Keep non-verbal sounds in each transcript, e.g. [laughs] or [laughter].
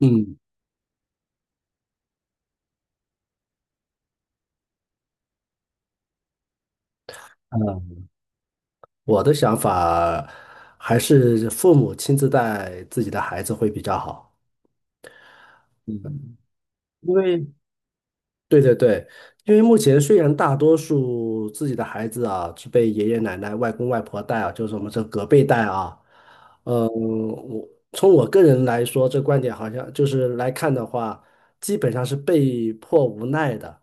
嗯嗯，我的想法还是父母亲自带自己的孩子会比较好。嗯，因为对对对，因为目前虽然大多数自己的孩子啊是被爷爷奶奶、外公外婆带啊，就是我们这隔辈带啊，嗯，我从我个人来说，这观点好像就是来看的话，基本上是被迫无奈的。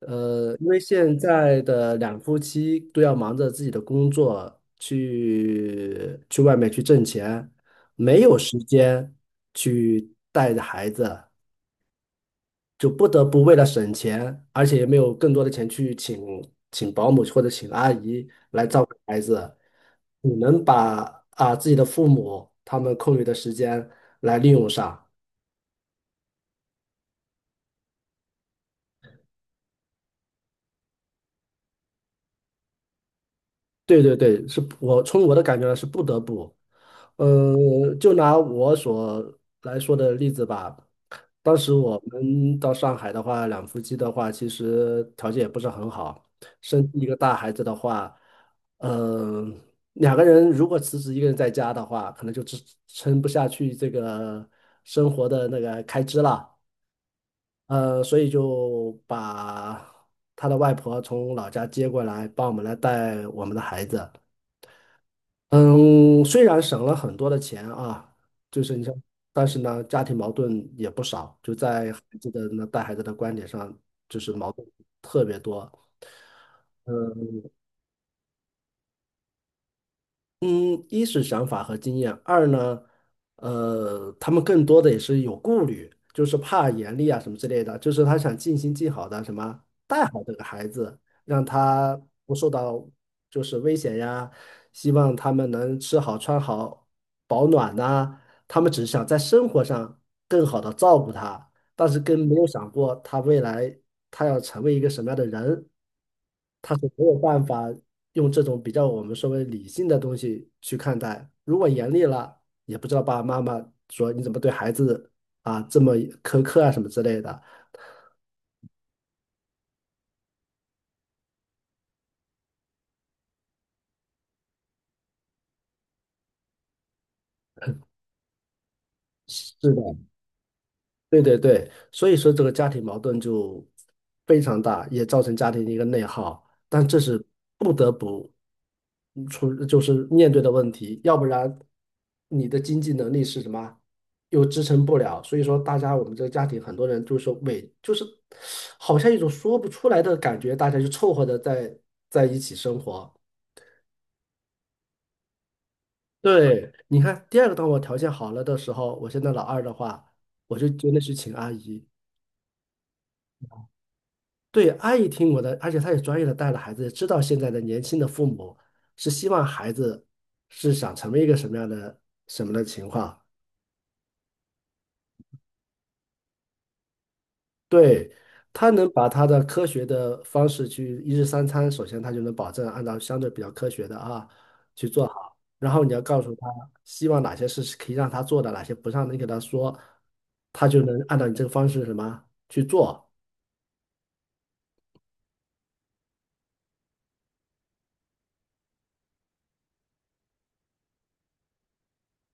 因为现在的两夫妻都要忙着自己的工作，去外面去挣钱，没有时间去带着孩子，就不得不为了省钱，而且也没有更多的钱去请保姆或者请阿姨来照顾孩子，你能把啊自己的父母他们空余的时间来利用上。对对对，是我从我的感觉呢是不得不。嗯，就拿我所来说的例子吧，当时我们到上海的话，两夫妻的话，其实条件也不是很好，生一个大孩子的话，嗯，两个人如果辞职一个人在家的话，可能就支撑不下去这个生活的那个开支了，所以就把他的外婆从老家接过来，帮我们来带我们的孩子。嗯，虽然省了很多的钱啊，就是你像，但是呢，家庭矛盾也不少，就在孩子的那带孩子的观点上，就是矛盾特别多。嗯嗯，一是想法和经验，二呢，他们更多的也是有顾虑，就是怕严厉啊什么之类的，就是他想尽心尽好的什么带好这个孩子，让他不受到就是危险呀，希望他们能吃好穿好保暖呐、他们只是想在生活上更好的照顾他，但是跟没有想过他未来他要成为一个什么样的人，他是没有办法用这种比较我们所谓理性的东西去看待。如果严厉了，也不知道爸爸妈妈说你怎么对孩子啊这么苛刻啊什么之类的。是的，对对对，所以说这个家庭矛盾就非常大，也造成家庭的一个内耗，但这是不得不出，就是面对的问题，要不然你的经济能力是什么，又支撑不了，所以说大家我们这个家庭很多人就是说，委，就是好像一种说不出来的感觉，大家就凑合着在一起生活。对，你看第二个，当我条件好了的时候，我现在老二的话，我就真的去请阿姨。对，阿姨听我的，而且她也专业的带了孩子，也知道现在的年轻的父母是希望孩子是想成为一个什么样的什么的情况。对，她能把她的科学的方式去一日三餐，首先她就能保证按照相对比较科学的啊去做好，然后你要告诉她希望哪些事是可以让她做的，哪些不让你给她说，她就能按照你这个方式什么去做。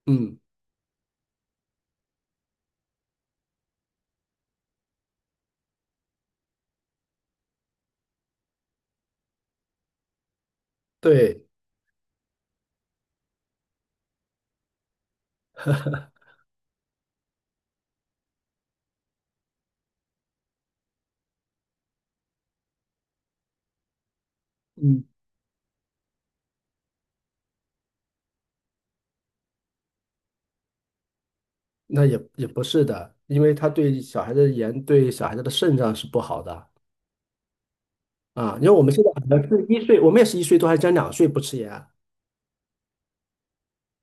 嗯，对。嗯。那也不是的，因为它对小孩的盐对小孩子的肾脏是不好的啊。因为我们现在可能是一岁，我们也是一岁多，还将两岁不吃盐。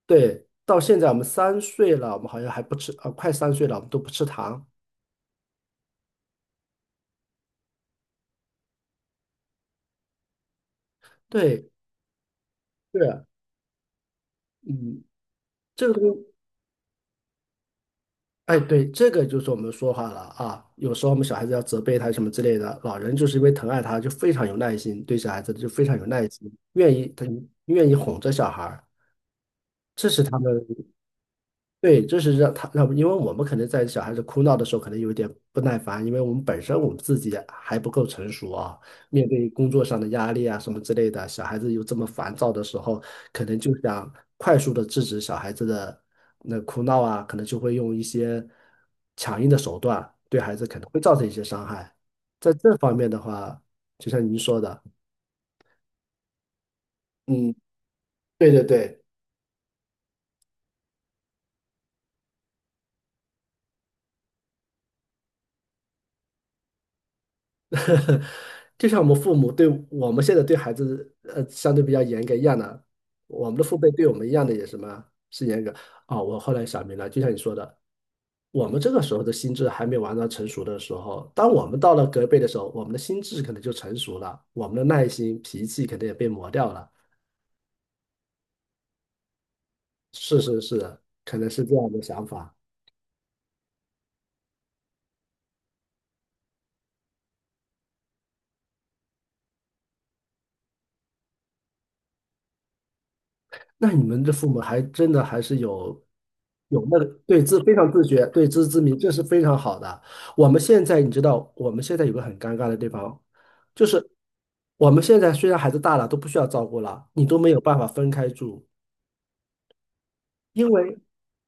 对，到现在我们三岁了，我们好像还不吃，啊，快三岁了，我们都不吃糖。对，是，嗯，这个东西，哎，对，这个就是我们说话了啊。有时候我们小孩子要责备他什么之类的，老人就是因为疼爱他，就非常有耐心，对小孩子就非常有耐心，愿意他愿意哄着小孩儿，这是他们。对，这是让他让，因为我们可能在小孩子哭闹的时候，可能有一点不耐烦，因为我们本身我们自己还不够成熟啊，面对工作上的压力啊什么之类的，小孩子有这么烦躁的时候，可能就想快速的制止小孩子的那哭闹啊，可能就会用一些强硬的手段，对孩子可能会造成一些伤害。在这方面的话，就像您说的，嗯，对对对，[laughs] 就像我们父母对我们现在对孩子，相对比较严格一样的，我们的父辈对我们一样的也什么是严格。哦，我后来想明白，就像你说的，我们这个时候的心智还没完全成熟的时候，当我们到了隔辈的时候，我们的心智可能就成熟了，我们的耐心、脾气可能也被磨掉了。是是是，可能是这样的想法。那你们的父母还真的还是有那个对自非常自觉，对自知之明，这是非常好的。我们现在你知道，我们现在有个很尴尬的地方，就是我们现在虽然孩子大了，都不需要照顾了，你都没有办法分开住。因为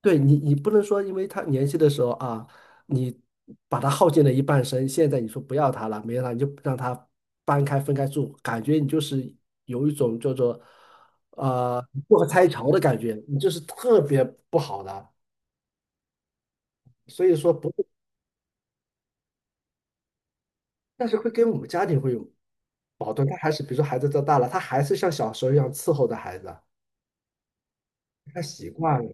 对你，你不能说因为他年轻的时候啊，你把他耗尽了一半生，现在你说不要他了，没有他，你就让他搬开分开住，感觉你就是有一种叫做呃过河拆桥的感觉，你就是特别不好的。所以说不会，但是会跟我们家庭会有矛盾。他还是比如说孩子长大了，他还是像小时候一样伺候着孩子，他习惯了。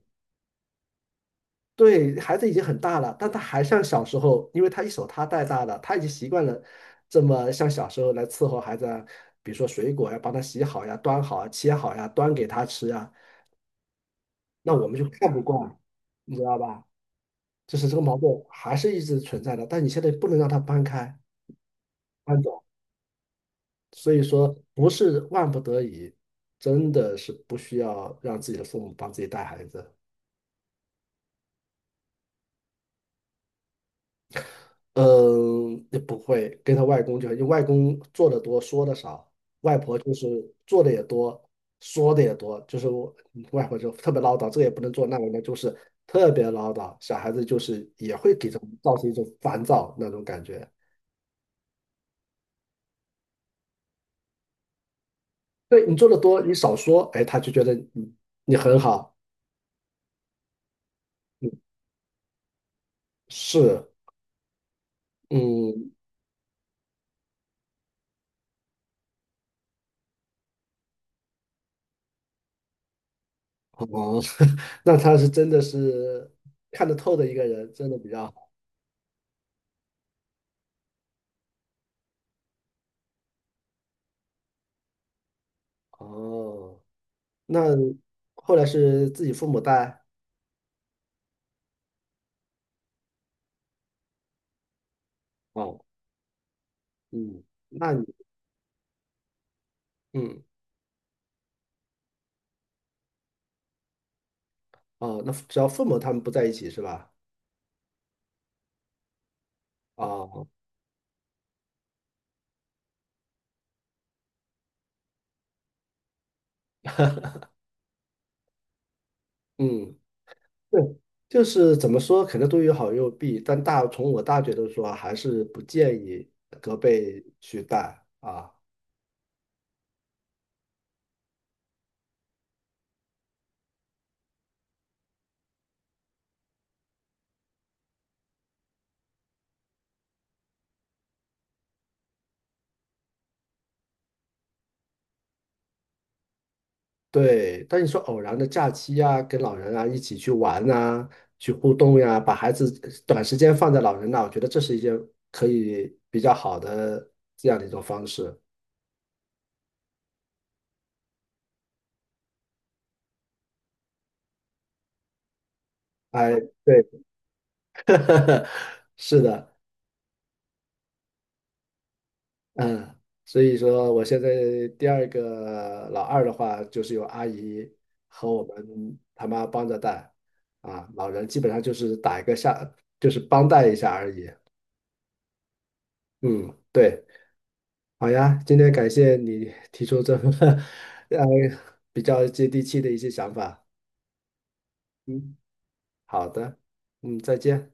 对，孩子已经很大了，但他还像小时候，因为他一手他带大的，他已经习惯了这么像小时候来伺候孩子啊，比如说水果呀，帮他洗好呀、端好啊、切好呀、端给他吃呀，那我们就看不惯，你知道吧？就是这个矛盾还是一直存在的，但你现在不能让他搬开、搬走，所以说不是万不得已，真的是不需要让自己的父母帮自己带孩子。嗯，也不会跟他外公就，因为外公做的多，说的少，外婆就是做的也多，说的也多，就是我嗯外婆就特别唠叨，这个也不能做，那个呢就是特别唠叨，小孩子就是也会给人造成一种烦躁那种感觉。对你做的多，你少说，哎，他就觉得你你很好，嗯，是，嗯，哦，[laughs] 那他是真的是看得透的一个人，真的比较好，哦。那后来是自己父母带哦，嗯，那你嗯哦，那只要父母他们不在一起是吧？哦，嗯，对，就是怎么说，可能都有好有弊，但大从我大觉得说，还是不建议隔辈去带啊。对，但你说偶然的假期呀、跟老人啊一起去玩啊，去互动呀、把孩子短时间放在老人那，我觉得这是一件可以比较好的这样的一种方式。哎，对。[laughs] 是的，嗯，所以说我现在第二个老二的话，就是有阿姨和我们他妈帮着带，啊，老人基本上就是打一个下，就是帮带一下而已。嗯，对，好呀，今天感谢你提出这么 [laughs] 呃比较接地气的一些想法。嗯，好的，嗯，再见。